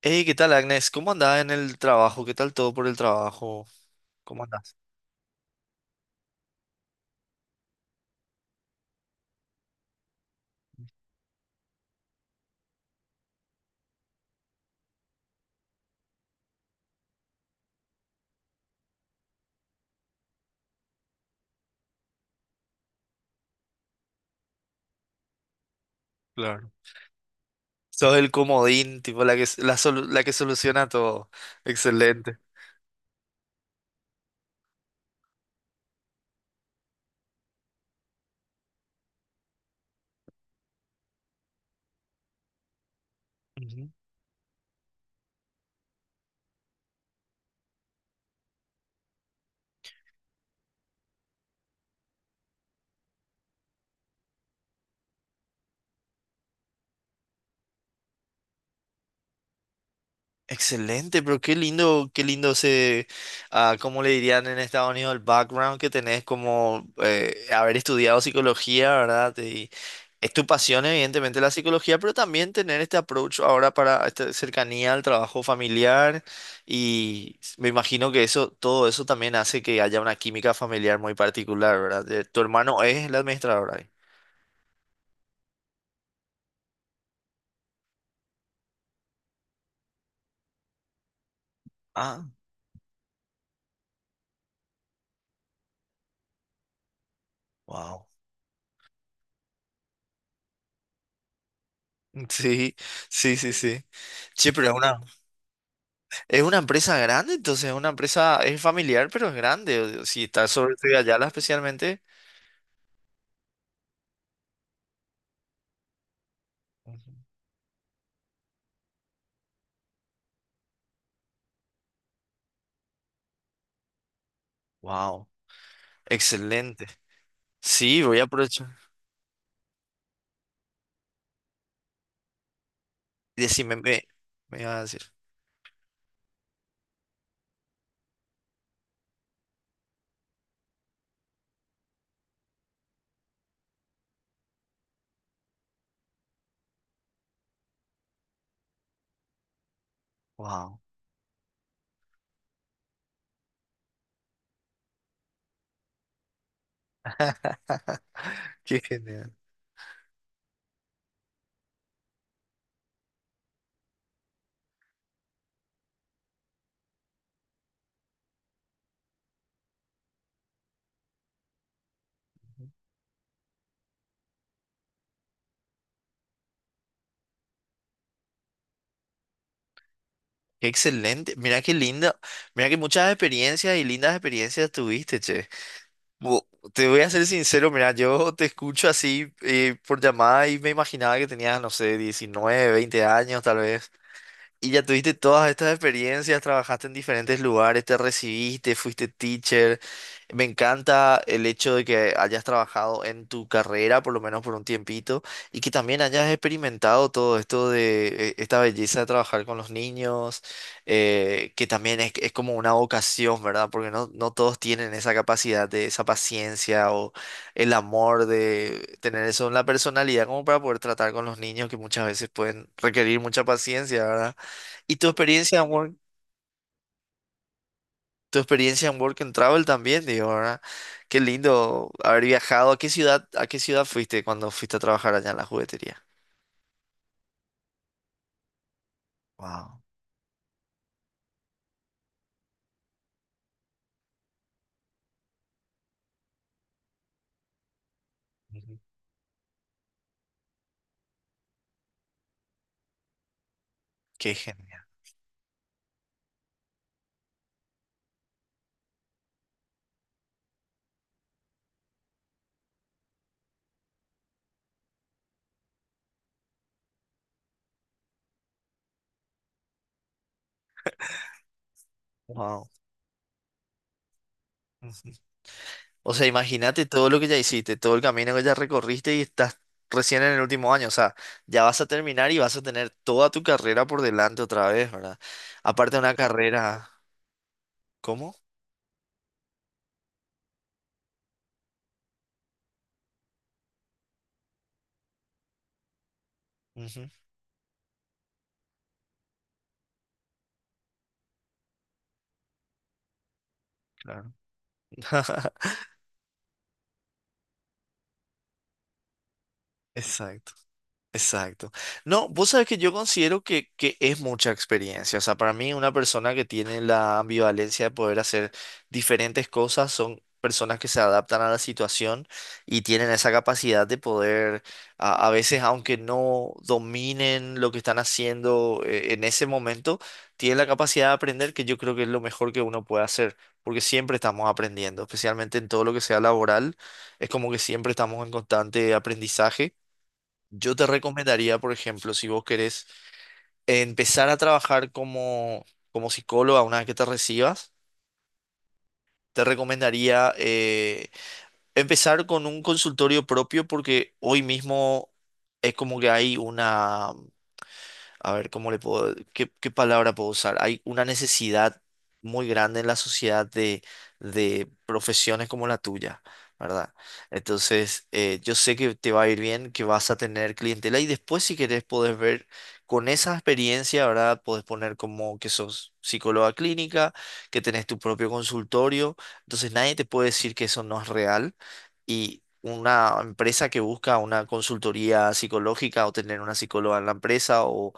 Hey, ¿qué tal, Agnes? ¿Cómo andás en el trabajo? ¿Qué tal todo por el trabajo? ¿Cómo andás? Claro. Sos el comodín, tipo la que, la que soluciona todo. Excelente. Ujú. Excelente, pero qué lindo ese, ah, ¿cómo le dirían en Estados Unidos el background que tenés como haber estudiado psicología? ¿Verdad? Es tu pasión, evidentemente, la psicología, pero también tener este approach ahora para esta cercanía al trabajo familiar. Y me imagino que eso, todo eso también hace que haya una química familiar muy particular, ¿verdad? Tu hermano es la administradora ahí. Ah, wow. Sí, sí, sí, sí. Sí, pero es una empresa grande. Entonces es una empresa, es familiar, pero es grande. O sea, si está sobre Yala especialmente. Wow, excelente. Sí, voy a aprovechar. Decime, me vas a decir. Wow. Qué genial. Qué excelente. Mira qué linda. Mira que muchas experiencias y lindas experiencias tuviste, che. Bu- Te voy a ser sincero, mira, yo te escucho así por llamada y me imaginaba que tenías, no sé, 19, 20 años tal vez. Y ya tuviste todas estas experiencias, trabajaste en diferentes lugares, te recibiste, fuiste teacher. Me encanta el hecho de que hayas trabajado en tu carrera, por lo menos por un tiempito, y que también hayas experimentado todo esto de esta belleza de trabajar con los niños, que también es como una vocación, ¿verdad? Porque no, no todos tienen esa capacidad de esa paciencia o el amor de tener eso en la personalidad como para poder tratar con los niños, que muchas veces pueden requerir mucha paciencia, ¿verdad? Y tu experiencia en tu experiencia en Work and Travel también, digo, ¿verdad? Qué lindo haber viajado. A qué ciudad fuiste cuando fuiste a trabajar allá en la juguetería? Wow, qué genial. Wow. O sea, imagínate todo lo que ya hiciste, todo el camino que ya recorriste y estás recién en el último año. O sea, ya vas a terminar y vas a tener toda tu carrera por delante otra vez, ¿verdad? Aparte de una carrera, ¿cómo? Ujú, claro. Exacto. Exacto. No, vos sabés que yo considero que es mucha experiencia. O sea, para mí una persona que tiene la ambivalencia de poder hacer diferentes cosas son personas que se adaptan a la situación y tienen esa capacidad de poder, a veces, aunque no dominen lo que están haciendo en ese momento, tienen la capacidad de aprender, que yo creo que es lo mejor que uno puede hacer, porque siempre estamos aprendiendo, especialmente en todo lo que sea laboral, es como que siempre estamos en constante aprendizaje. Yo te recomendaría, por ejemplo, si vos querés empezar a trabajar como psicóloga una vez que te recibas, te recomendaría empezar con un consultorio propio, porque hoy mismo es como que hay una, a ver, ¿cómo le puedo, qué palabra puedo usar? Hay una necesidad muy grande en la sociedad de profesiones como la tuya, ¿verdad? Entonces, yo sé que te va a ir bien, que vas a tener clientela, y después, si querés, podés ver con esa experiencia, ¿verdad? Podés poner como que sos psicóloga clínica, que tenés tu propio consultorio, entonces nadie te puede decir que eso no es real. Y una empresa que busca una consultoría psicológica o tener una psicóloga en la empresa o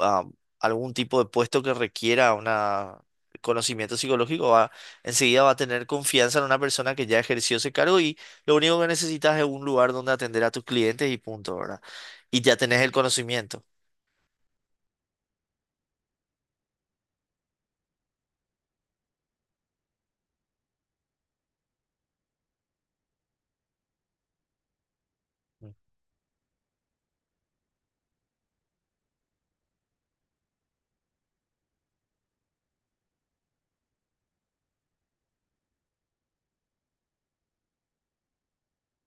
a algún tipo de puesto que requiera una, conocimiento psicológico, va, enseguida va a tener confianza en una persona que ya ejerció ese cargo, y lo único que necesitas es un lugar donde atender a tus clientes y punto, ¿verdad? Y ya tenés el conocimiento.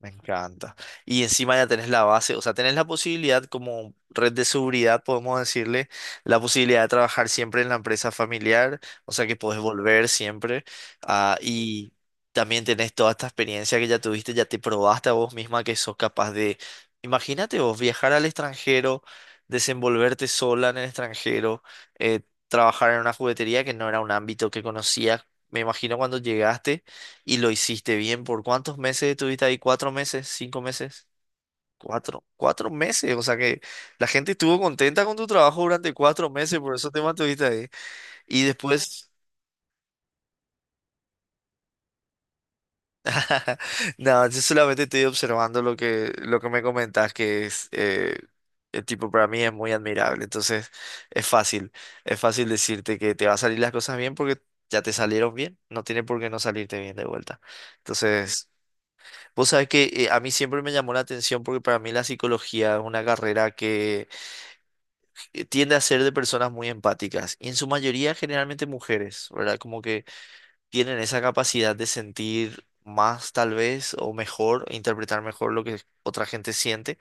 Me encanta. Y encima ya tenés la base. O sea, tenés la posibilidad, como red de seguridad, podemos decirle, la posibilidad de trabajar siempre en la empresa familiar, o sea que podés volver siempre. Ah, y también tenés toda esta experiencia que ya tuviste. Ya te probaste a vos misma que sos capaz de, imagínate vos, viajar al extranjero, desenvolverte sola en el extranjero, eh, trabajar en una juguetería que no era un ámbito que conocías. Me imagino cuando llegaste y lo hiciste bien. ¿Por cuántos meses estuviste ahí? ¿4 meses? ¿5 meses? 4. 4 meses. O sea que la gente estuvo contenta con tu trabajo durante 4 meses, por eso te mantuviste ahí. Y después... No, yo solamente estoy observando lo que me comentás, que es... el tipo para mí es muy admirable. Entonces es fácil. Es fácil decirte que te va a salir las cosas bien porque... ya te salieron bien, no tiene por qué no salirte bien de vuelta. Entonces, vos sabés que a mí siempre me llamó la atención, porque para mí la psicología es una carrera que tiende a ser de personas muy empáticas y, en su mayoría, generalmente mujeres, ¿verdad? Como que tienen esa capacidad de sentir más tal vez o mejor, e interpretar mejor lo que otra gente siente.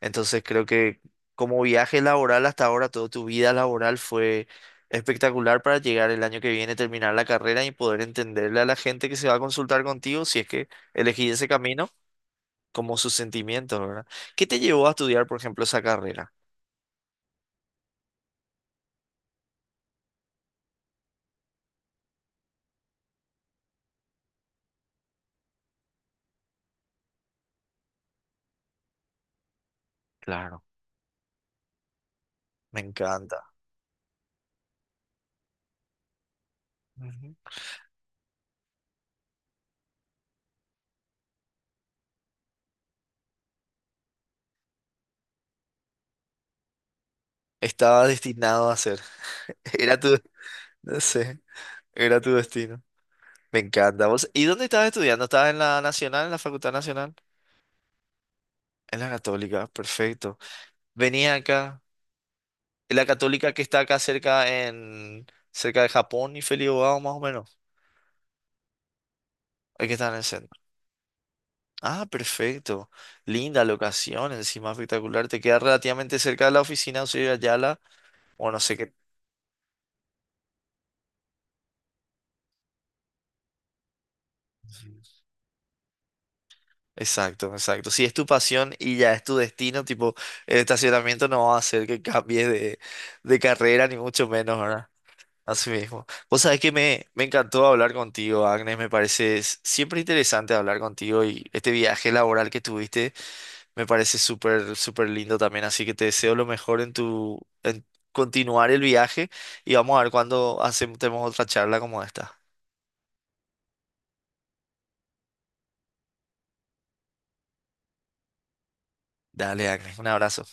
Entonces creo que, como viaje laboral hasta ahora, toda tu vida laboral fue espectacular para llegar el año que viene, terminar la carrera y poder entenderle a la gente que se va a consultar contigo, si es que elegí ese camino, como sus sentimientos, ¿verdad? ¿Qué te llevó a estudiar, por ejemplo, esa carrera? Claro, me encanta. Ujú. Estaba destinado a ser. Era tu, no sé, era tu destino. Me encanta. ¿Y dónde estabas estudiando? ¿Estabas en la Nacional, en la Facultad Nacional? En la Católica, perfecto. Venía acá, en la Católica que está acá cerca, en, cerca de Japón y Felibao, más o menos. Hay que estar en el centro. Ah, perfecto. Linda locación, encima espectacular. Te queda relativamente cerca de la oficina, soy de Ayala. O no sé qué. Exacto, exacto. Si es tu pasión y ya es tu destino, tipo, el estacionamiento no va a hacer que cambies de carrera, ni mucho menos, ¿verdad? Así mismo. Vos sabés que me encantó hablar contigo, Agnes. Me parece s- siempre interesante hablar contigo, y este viaje laboral que tuviste me parece súper, súper lindo también. Así que te deseo lo mejor en continuar el viaje, y vamos a ver cuándo hacemos tenemos otra charla como esta. Dale, Agnes, un abrazo.